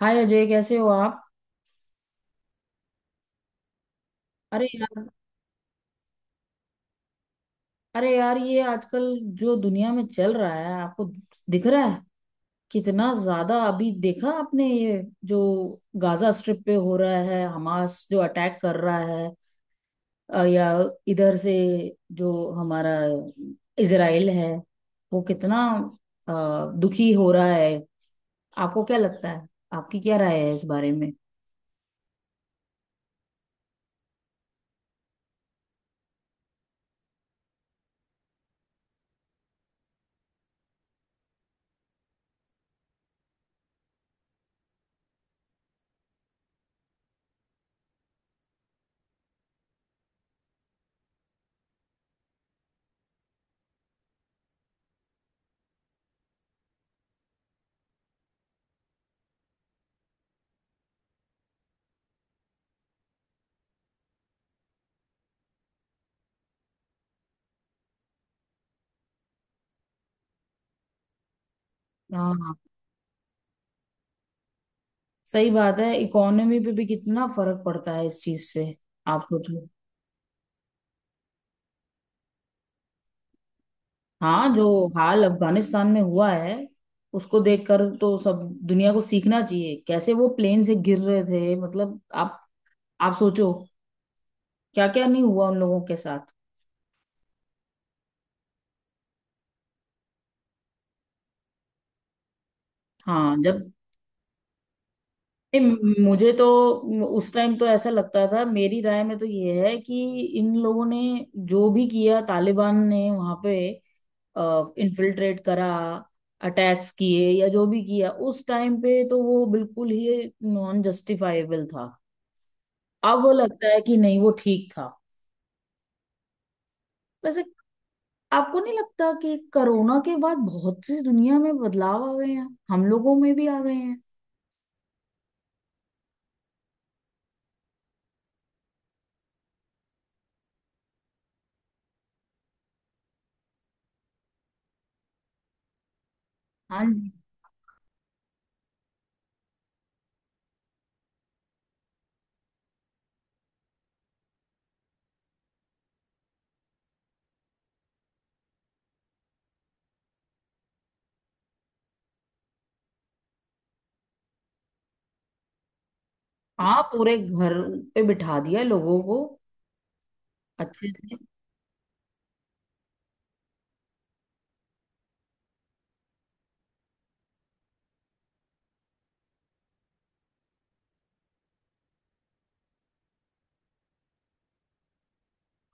हाय अजय, कैसे हो आप? अरे यार अरे यार, ये आजकल जो दुनिया में चल रहा है, आपको दिख रहा है? कितना ज्यादा अभी देखा आपने, ये जो गाजा स्ट्रिप पे हो रहा है, हमास जो अटैक कर रहा है या इधर से जो हमारा इजराइल है, वो कितना अ, दुखी हो रहा है। आपको क्या लगता है? आपकी क्या राय है इस बारे में? हाँ, सही बात है। इकोनॉमी पे भी कितना फर्क पड़ता है इस चीज से। आप सोचो। हाँ, जो हाल अफगानिस्तान में हुआ है, उसको देखकर तो सब दुनिया को सीखना चाहिए। कैसे वो प्लेन से गिर रहे थे, मतलब आप सोचो, क्या क्या नहीं हुआ उन लोगों के साथ। हाँ, जब ए, मुझे तो उस टाइम तो ऐसा लगता था, मेरी राय में तो ये है कि इन लोगों ने जो भी किया, तालिबान ने वहां पे इन्फिल्ट्रेट करा, अटैक्स किए या जो भी किया उस टाइम पे, तो वो बिल्कुल ही नॉन जस्टिफाइबल था। अब वो लगता है कि नहीं, वो ठीक था। वैसे, आपको नहीं लगता कि कोरोना के बाद बहुत सी दुनिया में बदलाव आ गए हैं, हम लोगों में भी आ गए हैं? हाँ जी। हाँ, पूरे घर पे बिठा दिया लोगों को अच्छे से।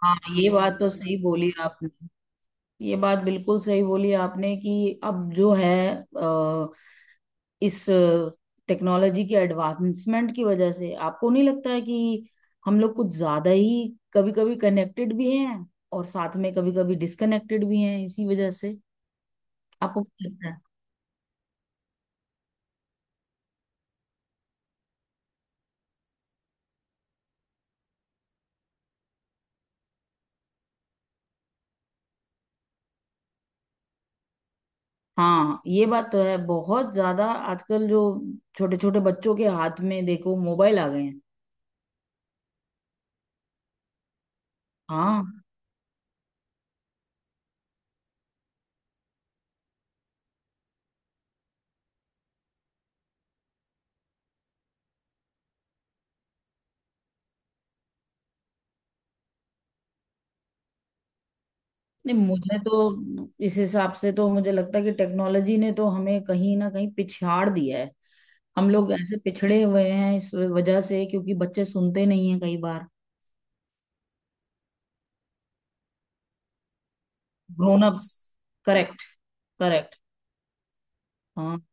हाँ, ये बात तो सही बोली आपने। ये बात बिल्कुल सही बोली आपने कि अब जो है, अ, इस टेक्नोलॉजी के एडवांसमेंट की वजह से आपको नहीं लगता है कि हम लोग कुछ ज्यादा ही कभी कभी कनेक्टेड भी हैं, और साथ में कभी कभी डिसकनेक्टेड भी हैं इसी वजह से? आपको क्या लगता है? हाँ, ये बात तो है बहुत ज्यादा। आजकल जो छोटे छोटे बच्चों के हाथ में देखो, मोबाइल आ गए हैं। हाँ। नहीं, मुझे तो इस हिसाब से तो मुझे लगता है कि टेक्नोलॉजी ने तो हमें कहीं ना कहीं पिछाड़ दिया है। हम लोग ऐसे पिछड़े हुए हैं इस वजह से, क्योंकि बच्चे सुनते नहीं हैं कई बार। Grown ups. करेक्ट। करेक्ट। हाँ।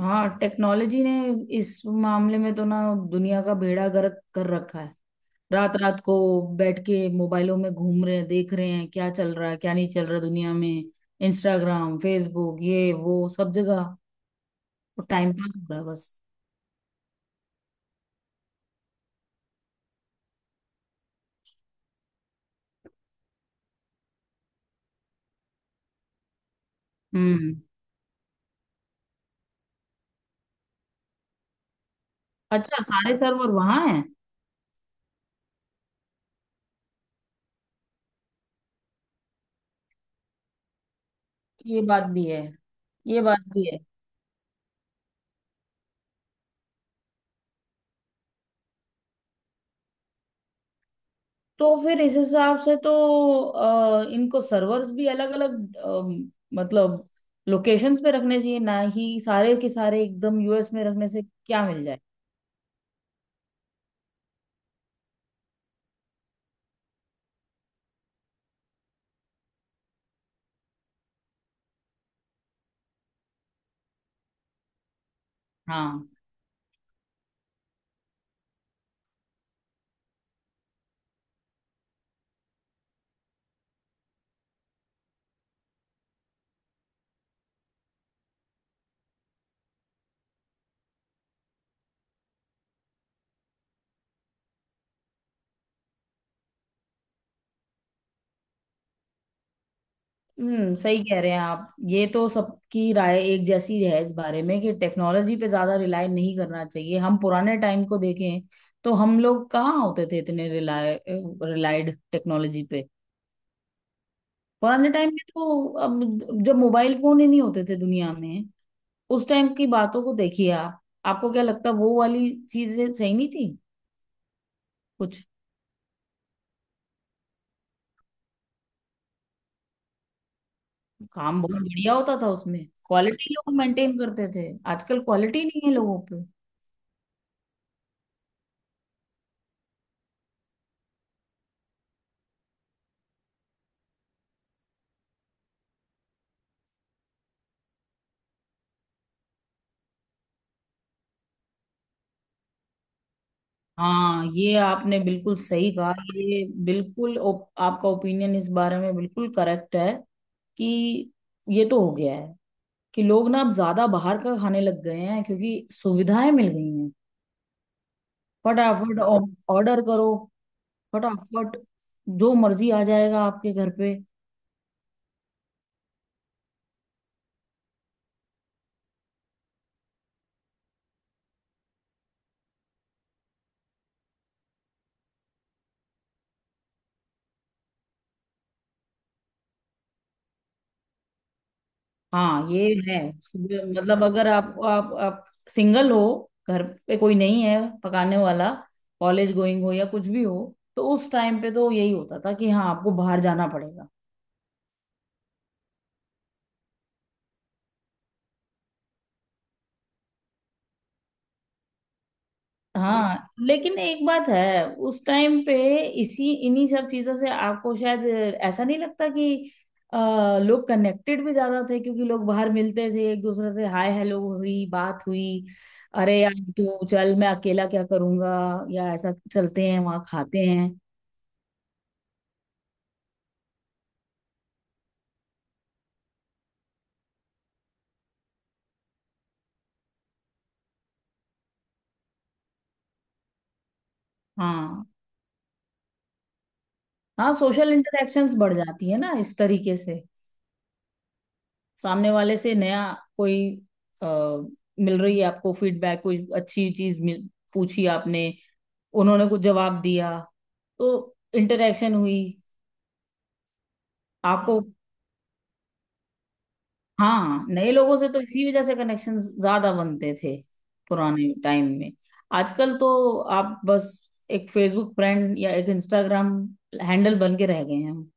हाँ, टेक्नोलॉजी ने इस मामले में तो ना दुनिया का बेड़ा गर्क कर रखा है। रात रात को बैठ के मोबाइलों में घूम रहे हैं, देख रहे हैं क्या चल रहा है, क्या नहीं चल रहा दुनिया में। इंस्टाग्राम, फेसबुक, ये वो सब जगह टाइम पास हो रहा है बस। हम्म। अच्छा, सारे सर्वर वहां हैं? ये बात भी है। ये बात भी है। तो फिर इस हिसाब से तो इनको सर्वर्स भी अलग अलग, मतलब लोकेशंस पे रखने चाहिए ना, ही सारे के सारे एकदम यूएस में रखने से क्या मिल जाए। हाँ। हम्म, सही कह रहे हैं आप। ये तो सबकी राय एक जैसी है इस बारे में कि टेक्नोलॉजी पे ज्यादा रिलाय नहीं करना चाहिए। हम पुराने टाइम को देखें तो हम लोग कहाँ होते थे इतने रिलाय, रिलायड टेक्नोलॉजी पे। पुराने टाइम में, तो अब जब मोबाइल फोन ही नहीं होते थे दुनिया में, उस टाइम की बातों को देखिए आप। आपको क्या लगता है, वो वाली चीजें सही नहीं थी? कुछ काम बहुत बढ़िया होता था उसमें, क्वालिटी लोग मेंटेन करते थे। आजकल क्वालिटी नहीं है लोगों पे। हाँ, ये आपने बिल्कुल सही कहा। ये बिल्कुल आपका ओपिनियन इस बारे में बिल्कुल करेक्ट है कि ये तो हो गया है कि लोग ना अब ज्यादा बाहर का खाने लग गए हैं, क्योंकि सुविधाएं मिल गई हैं। फटाफट ऑर्डर करो, फटाफट जो मर्जी आ जाएगा आपके घर पे। हाँ, ये है। सुबह, मतलब अगर आप सिंगल हो, घर पे कोई नहीं है पकाने वाला, कॉलेज गोइंग हो या कुछ भी हो, तो उस टाइम पे तो यही होता था कि हाँ, आपको बाहर जाना पड़ेगा। हाँ, लेकिन एक बात है उस टाइम पे, इसी इन्हीं सब चीजों से आपको शायद ऐसा नहीं लगता कि लोग कनेक्टेड भी ज्यादा थे, क्योंकि लोग बाहर मिलते थे एक दूसरे से, हाय हेलो हुई, बात हुई। अरे यार, तू चल, मैं अकेला क्या करूंगा, या ऐसा चलते हैं, वहां खाते हैं। हाँ। हाँ, सोशल इंटरेक्शंस बढ़ जाती है ना इस तरीके से। सामने वाले से नया कोई, आ, मिल रही है आपको फीडबैक, कोई अच्छी चीज मिल, पूछी आपने, उन्होंने कुछ जवाब दिया, तो इंटरेक्शन हुई। आपको, हाँ, नए लोगों से तो इसी वजह से कनेक्शन ज्यादा बनते थे पुराने टाइम में। आजकल तो आप बस एक फेसबुक फ्रेंड या एक इंस्टाग्राम हैंडल बन के रह गए हैं हम।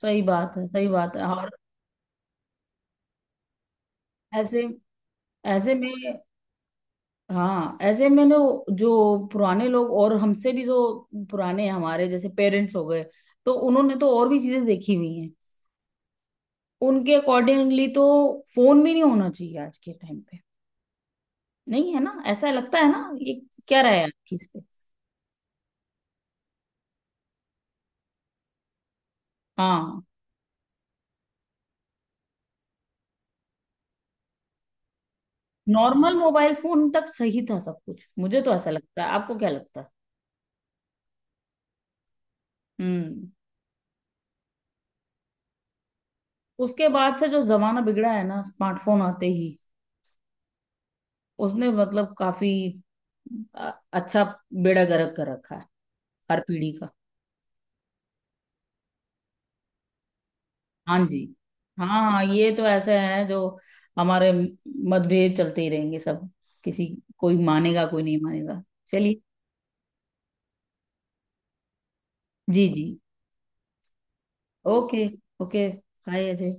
सही बात है, सही बात है। और ऐसे ऐसे में, हाँ, ऐसे में ना, जो पुराने लोग, और हमसे भी जो पुराने, हमारे जैसे पेरेंट्स हो गए, तो उन्होंने तो और भी चीजें देखी हुई। उनके अकॉर्डिंगली तो फोन भी नहीं होना चाहिए आज के टाइम पे। नहीं है ना, ऐसा लगता है ना ये? क्या रहा है आपकी इस पे? हाँ, नॉर्मल मोबाइल फोन तक सही था सब कुछ, मुझे तो ऐसा लगता है। आपको क्या लगता है? हम्म। उसके बाद से जो जमाना बिगड़ा है ना, स्मार्टफोन आते ही, उसने मतलब काफी अ, अच्छा बेड़ा गर्क कर रखा है हर पीढ़ी का। हाँ जी। हाँ हाँ, ये तो ऐसे है जो हमारे मतभेद चलते ही रहेंगे। सब, किसी कोई मानेगा, कोई नहीं मानेगा। चलिए। जी जी। ओके। ओके। हाय अजय।